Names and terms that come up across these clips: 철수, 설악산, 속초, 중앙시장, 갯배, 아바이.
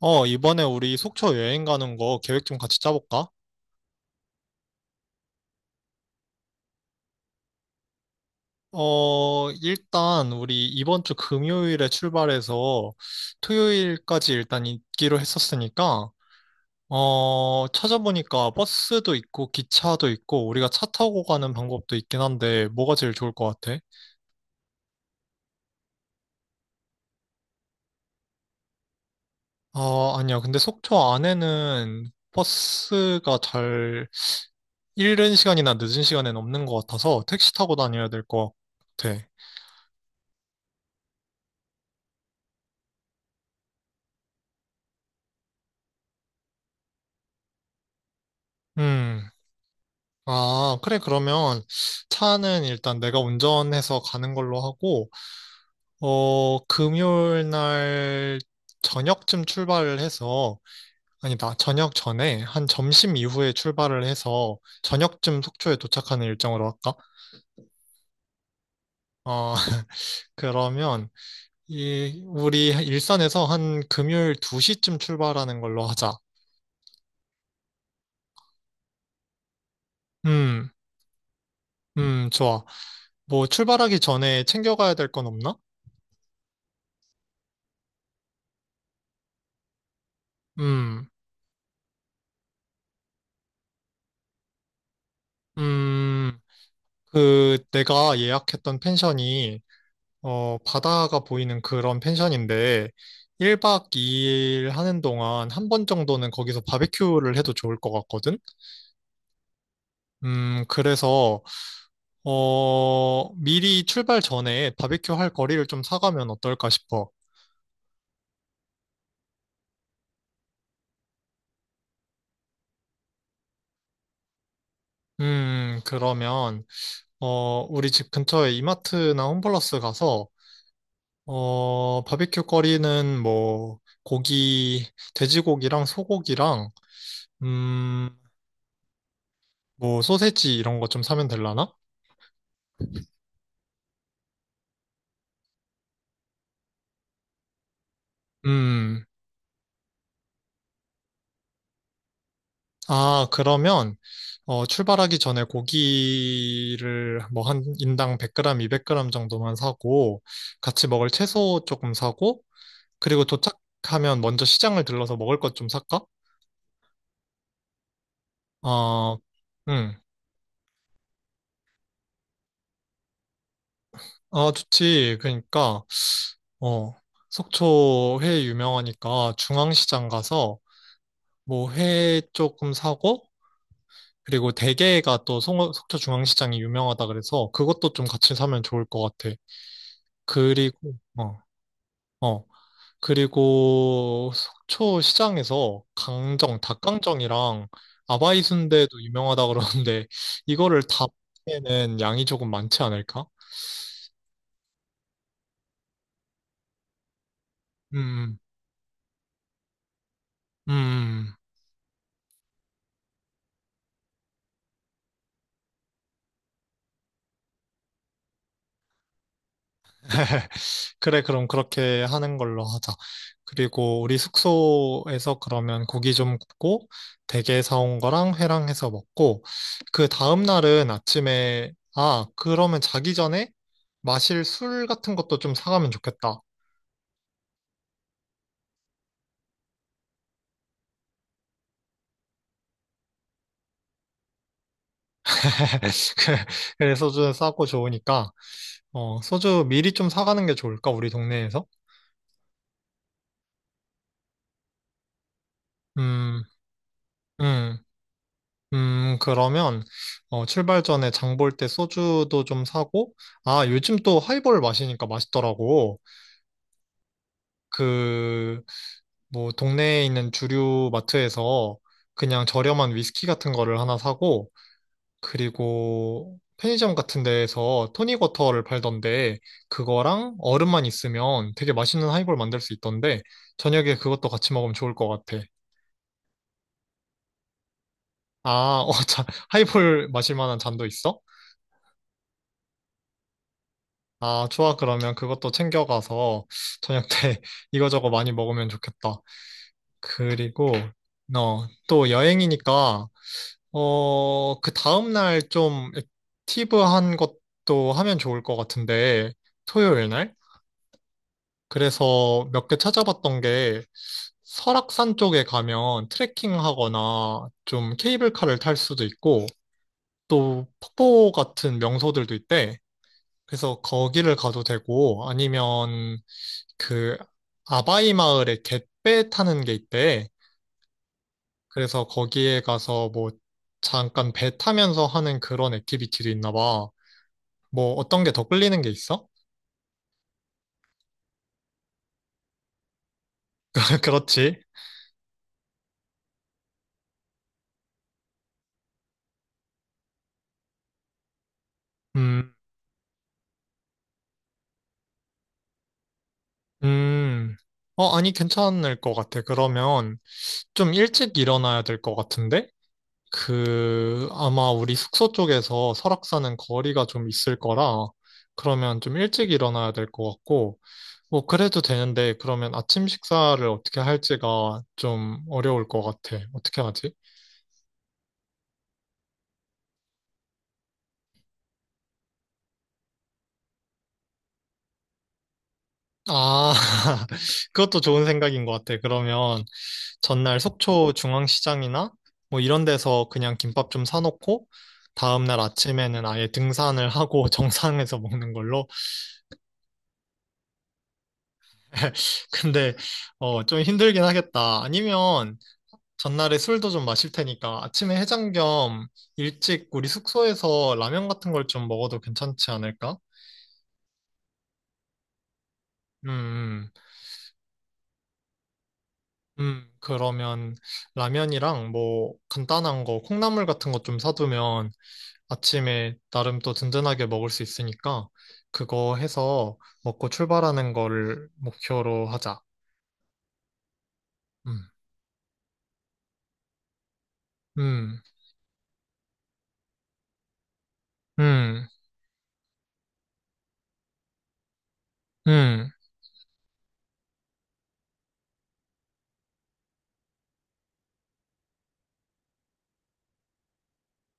이번에 우리 속초 여행 가는 거 계획 좀 같이 짜볼까? 일단 우리 이번 주 금요일에 출발해서 토요일까지 일단 있기로 했었으니까, 찾아보니까 버스도 있고 기차도 있고 우리가 차 타고 가는 방법도 있긴 한데 뭐가 제일 좋을 것 같아? 아니야. 근데 속초 안에는 버스가 잘 이른 시간이나 늦은 시간엔 없는 것 같아서 택시 타고 다녀야 될 것 같아. 음. 아, 그래, 그러면 차는 일단 내가 운전해서 가는 걸로 하고, 금요일 날 저녁쯤 출발을 해서, 아니다, 저녁 전에, 한 점심 이후에 출발을 해서, 저녁쯤 속초에 도착하는 일정으로 할까? 어, 그러면, 우리 일산에서 한 금요일 2시쯤 출발하는 걸로 하자. 음, 좋아. 뭐, 출발하기 전에 챙겨가야 될 건 없나? 음, 음. 그 내가 예약했던 펜션이 바다가 보이는 그런 펜션인데 1박 2일 하는 동안 한 번 정도는 거기서 바베큐를 해도 좋을 것 같거든. 그래서 미리 출발 전에 바베큐 할 거리를 좀 사가면 어떨까 싶어. 그러면 우리 집 근처에 이마트나 홈플러스 가서 바베큐 거리는 뭐 고기 돼지고기랑 소고기랑 음, 뭐 소세지 이런 거 좀 사면 되려나? 음. 아, 그러면 출발하기 전에 고기를 뭐 한 인당 100g, 200g 정도만 사고 같이 먹을 채소 조금 사고 그리고 도착하면 먼저 시장을 들러서 먹을 것 좀 살까? 아, 음. 아, 좋지. 그러니까 어, 속초 회 유명하니까 중앙시장 가서 뭐 회 조금 사고 그리고 대게가 또 속초중앙시장이 유명하다 그래서 그것도 좀 같이 사면 좋을 것 같아. 그리고, 어, 어. 그리고 속초시장에서 강정, 닭강정이랑 아바이 순대도 유명하다 그러는데 이거를 다 먹기에는 양이 조금 많지 않을까? 음, 음. 그래, 그럼 그렇게 하는 걸로 하자. 그리고 우리 숙소에서 그러면 고기 좀 굽고, 대게 사온 거랑 회랑 해서 먹고, 그 다음 날은 아침에, 아, 그러면 자기 전에 마실 술 같은 것도 좀 사가면 좋겠다. 그래, 소주는 싸고 좋으니까, 소주 미리 좀 사가는 게 좋을까, 우리 동네에서? 음, 음. 그러면, 출발 전에 장볼 때 소주도 좀 사고, 아, 요즘 또 하이볼 마시니까 맛있더라고. 그, 뭐, 동네에 있는 주류 마트에서 그냥 저렴한 위스키 같은 거를 하나 사고, 그리고 편의점 같은 데에서 토닉워터를 팔던데, 그거랑 얼음만 있으면 되게 맛있는 하이볼 만들 수 있던데, 저녁에 그것도 같이 먹으면 좋을 것 같아. 아, 어, 자, 하이볼 마실 만한 잔도 있어? 아, 좋아. 그러면 그것도 챙겨가서 저녁 때 이거저거 많이 먹으면 좋겠다. 그리고, 또 여행이니까, 그 다음날 좀 액티브한 것도 하면 좋을 것 같은데, 토요일 날? 그래서 몇 개 찾아봤던 게, 설악산 쪽에 가면 트레킹 하거나 좀 케이블카를 탈 수도 있고, 또 폭포 같은 명소들도 있대. 그래서 거기를 가도 되고, 아니면 그 아바이 마을에 갯배 타는 게 있대. 그래서 거기에 가서 뭐 잠깐 배 타면서 하는 그런 액티비티도 있나 봐. 뭐 어떤 게 더 끌리는 게 있어? 그렇지. 음, 음. 아니, 괜찮을 것 같아. 그러면 좀 일찍 일어나야 될 것 같은데? 아마 우리 숙소 쪽에서 설악산은 거리가 좀 있을 거라, 그러면 좀 일찍 일어나야 될 것 같고, 뭐 그래도 되는데 그러면 아침 식사를 어떻게 할지가 좀 어려울 것 같아. 어떻게 하지? 아, 그것도 좋은 생각인 것 같아. 그러면 전날 속초 중앙시장이나 뭐 이런 데서 그냥 김밥 좀 사놓고 다음날 아침에는 아예 등산을 하고 정상에서 먹는 걸로. 근데 좀 힘들긴 하겠다. 아니면 전날에 술도 좀 마실 테니까 아침에 해장 겸 일찍 우리 숙소에서 라면 같은 걸 좀 먹어도 괜찮지 않을까? 음, 그러면 라면이랑 뭐 간단한 거, 콩나물 같은 거 좀 사두면 아침에 나름 또 든든하게 먹을 수 있으니까 그거 해서 먹고 출발하는 거를 목표로 하자. 음, 음, 음, 음,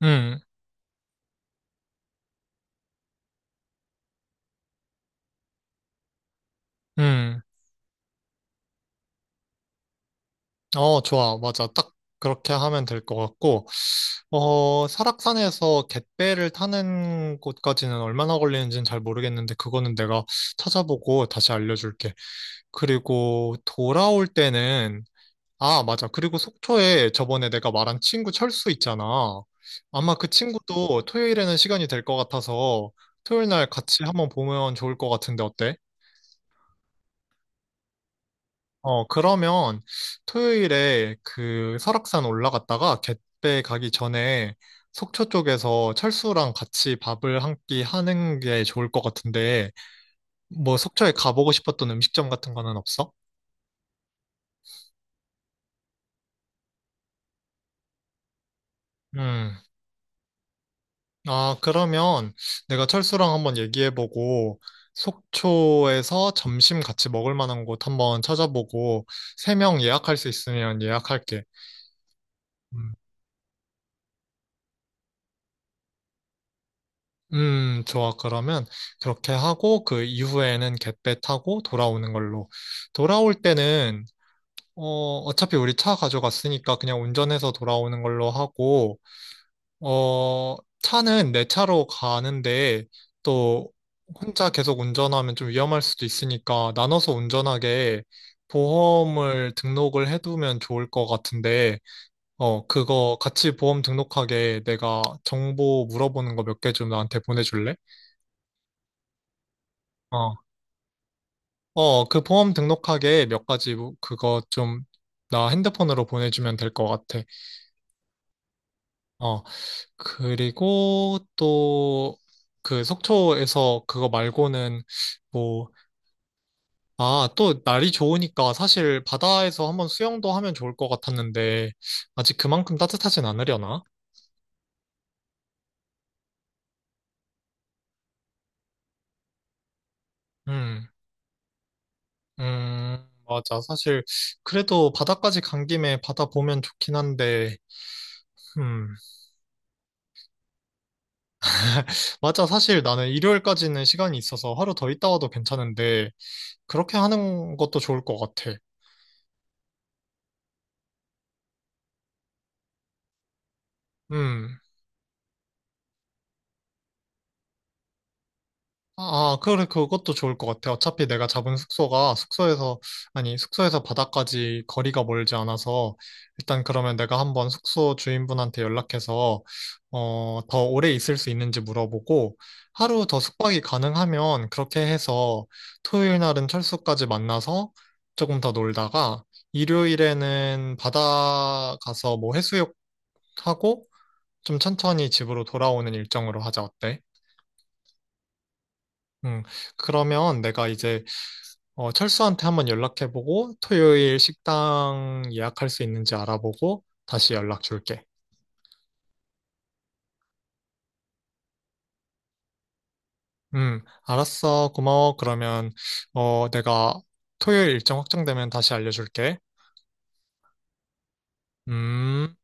음, 음. 어, 좋아. 맞아. 딱 그렇게 하면 될 것 같고, 설악산에서 갯배를 타는 곳까지는 얼마나 걸리는지는 잘 모르겠는데 그거는 내가 찾아보고 다시 알려줄게. 그리고 돌아올 때는, 아, 맞아. 그리고 속초에 저번에 내가 말한 친구 철수 있잖아. 아마 그 친구도 토요일에는 시간이 될 것 같아서 토요일 날 같이 한번 보면 좋을 것 같은데 어때? 그러면 토요일에 그 설악산 올라갔다가 갯배 가기 전에 속초 쪽에서 철수랑 같이 밥을 한 끼 하는 게 좋을 것 같은데 뭐 속초에 가보고 싶었던 음식점 같은 거는 없어? 음. 아, 그러면 내가 철수랑 한번 얘기해보고, 속초에서 점심 같이 먹을 만한 곳 한번 찾아보고, 3명 예약할 수 있으면 예약할게. 음, 좋아. 그러면 그렇게 하고, 그 이후에는 갯배 타고 돌아오는 걸로. 돌아올 때는, 어차피 우리 차 가져갔으니까 그냥 운전해서 돌아오는 걸로 하고, 차는 내 차로 가는데 또 혼자 계속 운전하면 좀 위험할 수도 있으니까 나눠서 운전하게 보험을 등록을 해두면 좋을 것 같은데, 그거 같이 보험 등록하게 내가 정보 물어보는 거 몇 개 좀 나한테 보내줄래? 어, 어, 보험 등록하게 몇 가지 그거 좀 나 핸드폰으로 보내주면 될 것 같아. 어. 그리고 또 그 속초에서 그거 말고는 뭐, 아, 또 날이 좋으니까 사실 바다에서 한번 수영도 하면 좋을 것 같았는데 아직 그만큼 따뜻하진 않으려나? 음, 맞아. 사실 그래도 바다까지 간 김에 바다 보면 좋긴 한데, 음, 맞아. 사실 나는 일요일까지는 시간이 있어서 하루 더 있다 와도 괜찮은데 그렇게 하는 것도 좋을 것 같아. 음. 아, 그래, 그것도 좋을 것 같아. 어차피 내가 잡은 숙소가 숙소에서, 아니, 숙소에서 바다까지 거리가 멀지 않아서, 일단 그러면 내가 한번 숙소 주인분한테 연락해서, 더 오래 있을 수 있는지 물어보고, 하루 더 숙박이 가능하면 그렇게 해서 토요일 날은 철수까지 만나서 조금 더 놀다가, 일요일에는 바다 가서 뭐 해수욕 하고, 좀 천천히 집으로 돌아오는 일정으로 하자, 어때? 음, 그러면 내가 이제 철수한테 한번 연락해보고 토요일 식당 예약할 수 있는지 알아보고 다시 연락 줄게. 알았어. 고마워. 그러면 내가 토요일 일정 확정되면 다시 알려줄게. 음.